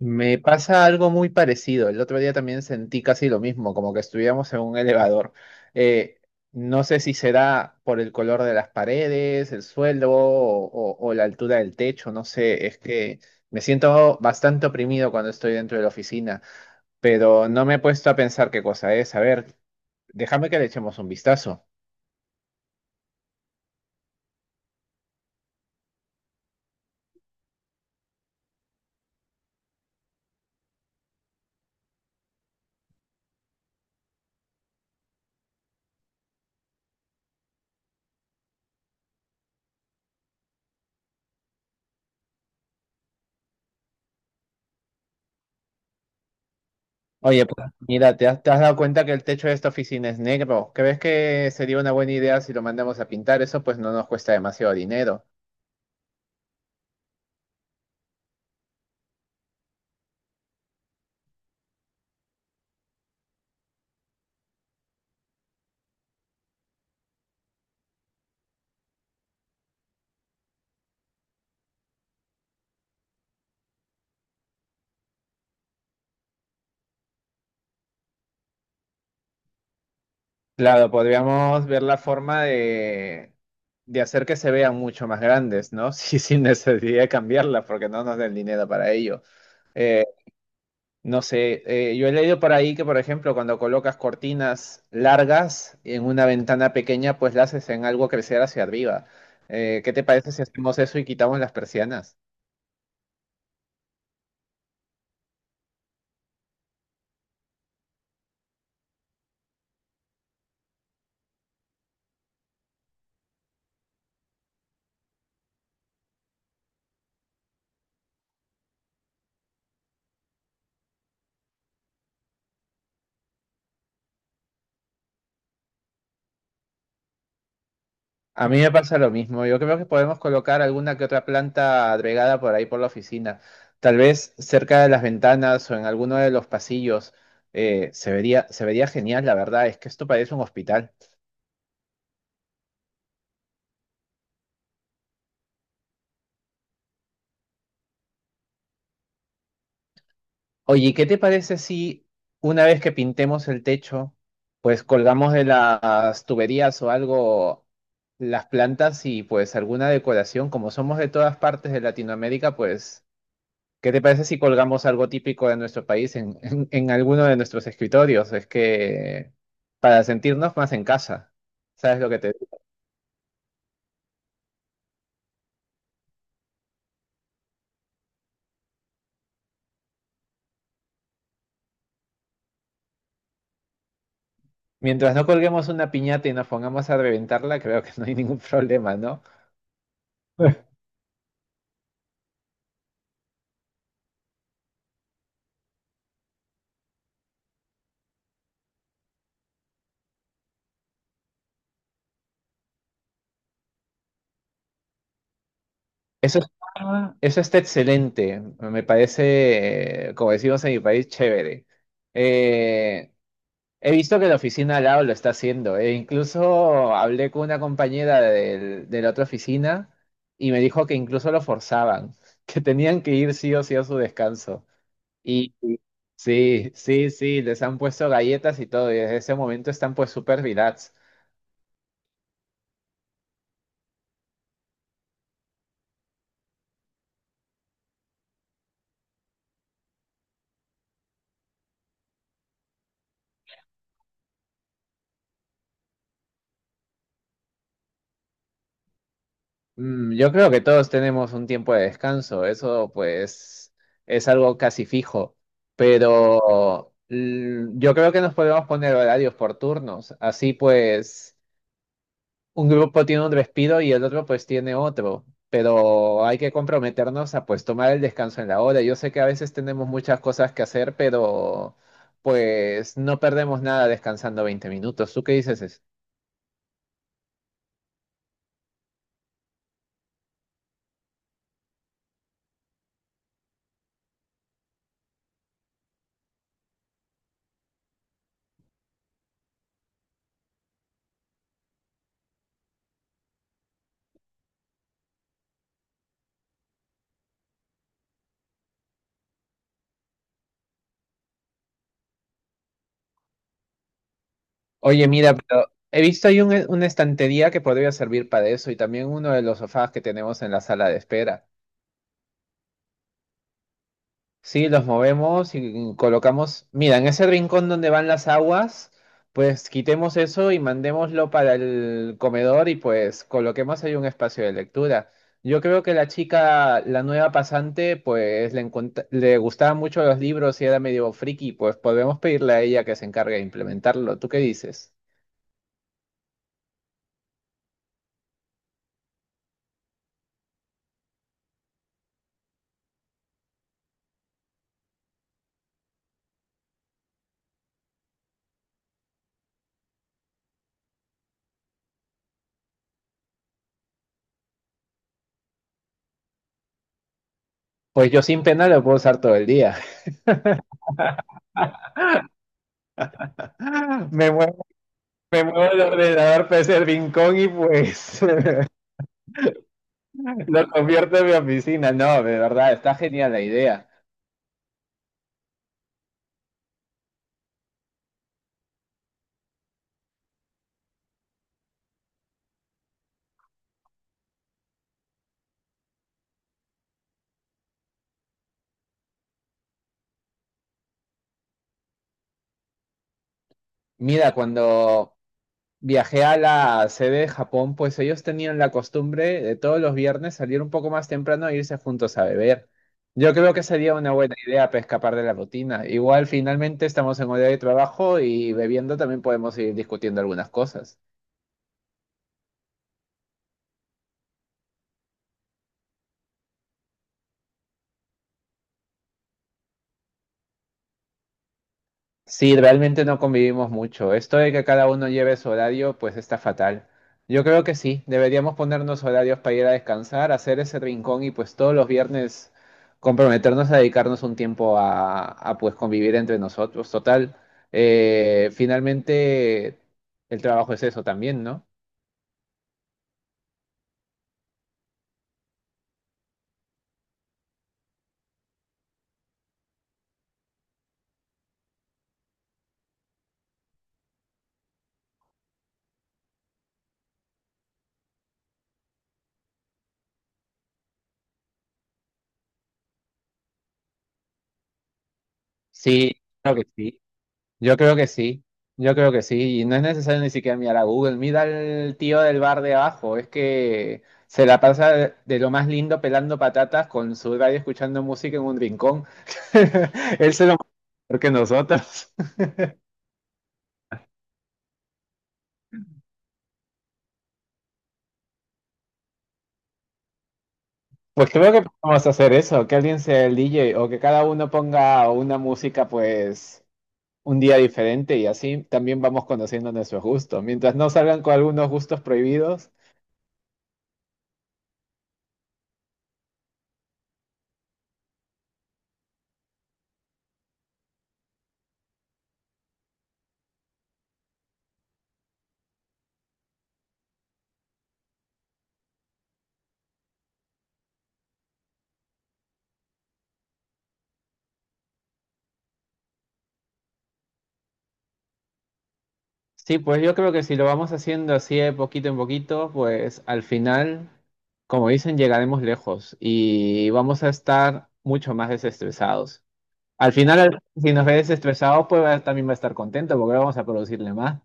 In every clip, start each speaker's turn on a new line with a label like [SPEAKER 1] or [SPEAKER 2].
[SPEAKER 1] Me pasa algo muy parecido. El otro día también sentí casi lo mismo, como que estuviéramos en un elevador. Eh, no sé si será por el color de las paredes, el suelo o la altura del techo, no sé. Es que me siento bastante oprimido cuando estoy dentro de la oficina, pero no me he puesto a pensar qué cosa es. A ver, déjame que le echemos un vistazo. Oye, pues mira, ¿te has dado cuenta que el techo de esta oficina es negro? ¿Crees que sería una buena idea si lo mandamos a pintar? Eso pues no nos cuesta demasiado dinero. Claro, podríamos ver la forma de hacer que se vean mucho más grandes, ¿no? Sí, sin necesidad de cambiarlas, porque no nos den dinero para ello. Eh, no sé, yo he leído por ahí que, por ejemplo, cuando colocas cortinas largas en una ventana pequeña, pues la haces en algo crecer hacia arriba. ¿Qué te parece si hacemos eso y quitamos las persianas? A mí me pasa lo mismo. Yo creo que podemos colocar alguna que otra planta agregada por ahí por la oficina. Tal vez cerca de las ventanas o en alguno de los pasillos. Se vería genial, la verdad. Es que esto parece un hospital. Oye, ¿y ¿qué te parece si una vez que pintemos el techo, pues colgamos de las tuberías o algo las plantas y pues alguna decoración? Como somos de todas partes de Latinoamérica, pues ¿qué te parece si colgamos algo típico de nuestro país en alguno de nuestros escritorios? Es que para sentirnos más en casa, ¿sabes lo que te digo? Mientras no colguemos una piñata y nos pongamos a reventarla, creo que no hay ningún problema, ¿no? Eso está excelente, me parece, como decimos en mi país, chévere. Eh, He visto que la oficina al lado lo está haciendo. E incluso hablé con una compañera de la otra oficina y me dijo que incluso lo forzaban, que tenían que ir sí o sí a su descanso. Y y- sí, sí, sí, les han puesto galletas y todo, y desde ese momento están pues súper relax. Mm, yo creo que todos tenemos un tiempo de descanso, eso pues es algo casi fijo. Pero yo creo que nos podemos poner horarios por turnos, así pues. Un grupo tiene un respiro y el otro pues tiene otro, pero hay que comprometernos a pues tomar el descanso en la hora. Yo sé que a veces tenemos muchas cosas que hacer, pero pues no perdemos nada descansando 20 minutos. ¿Tú qué dices? Oye, mira, pero he visto ahí una estantería que podría servir para eso y también uno de los sofás que tenemos en la sala de espera. Sí, los movemos y colocamos, mira, en ese rincón donde van las aguas, pues quitemos eso y mandémoslo para el comedor y pues coloquemos ahí un espacio de lectura. Yo creo que la chica, la nueva pasante, pues le gustaban mucho los libros y era medio friki, pues podemos pedirle a ella que se encargue de implementarlo. ¿Tú qué dices? Pues yo sin pena lo puedo usar todo el día. Me muevo, me muevo el ordenador para ese rincón y pues lo convierto en mi oficina. No, de verdad, está genial la idea. Mira, cuando viajé a la sede de Japón, pues ellos tenían la costumbre de todos los viernes salir un poco más temprano e irse juntos a beber. Yo creo que sería una buena idea para escapar de la rutina. Igual finalmente estamos en hora de trabajo y bebiendo también podemos ir discutiendo algunas cosas. Sí, realmente no convivimos mucho. Esto de que cada uno lleve su horario, pues está fatal. Yo creo que sí, deberíamos ponernos horarios para ir a descansar, hacer ese rincón y pues todos los viernes comprometernos a dedicarnos un tiempo pues convivir entre nosotros. Total, finalmente el trabajo es eso también, ¿no? Sí, claro que sí. Yo creo que sí, yo creo que sí, y no es necesario ni siquiera mirar a Google, mira al tío del bar de abajo, es que se la pasa de lo más lindo pelando patatas con su radio escuchando música en un rincón. Él se lo mueve mejor que nosotros. Pues creo que podemos hacer eso, que alguien sea el DJ o que cada uno ponga una música pues un día diferente y así también vamos conociendo nuestros gustos. Mientras no salgan con algunos gustos prohibidos, sí, pues yo creo que si lo vamos haciendo así de poquito en poquito, pues al final, como dicen, llegaremos lejos y vamos a estar mucho más desestresados. Al final, si nos ve desestresados, pues también va a estar contento porque vamos a producirle más.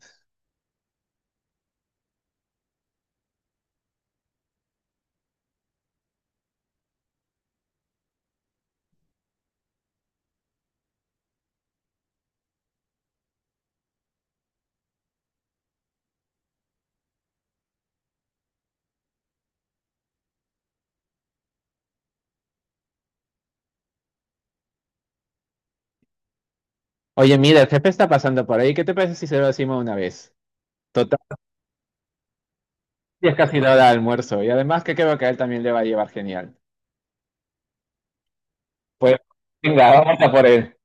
[SPEAKER 1] Oye, mira, el jefe está pasando por ahí. ¿Qué te parece si se lo decimos de una vez? Total, y es casi la hora de almuerzo. Y además que creo que a él también le va a llevar genial. Pues venga, vamos a por él.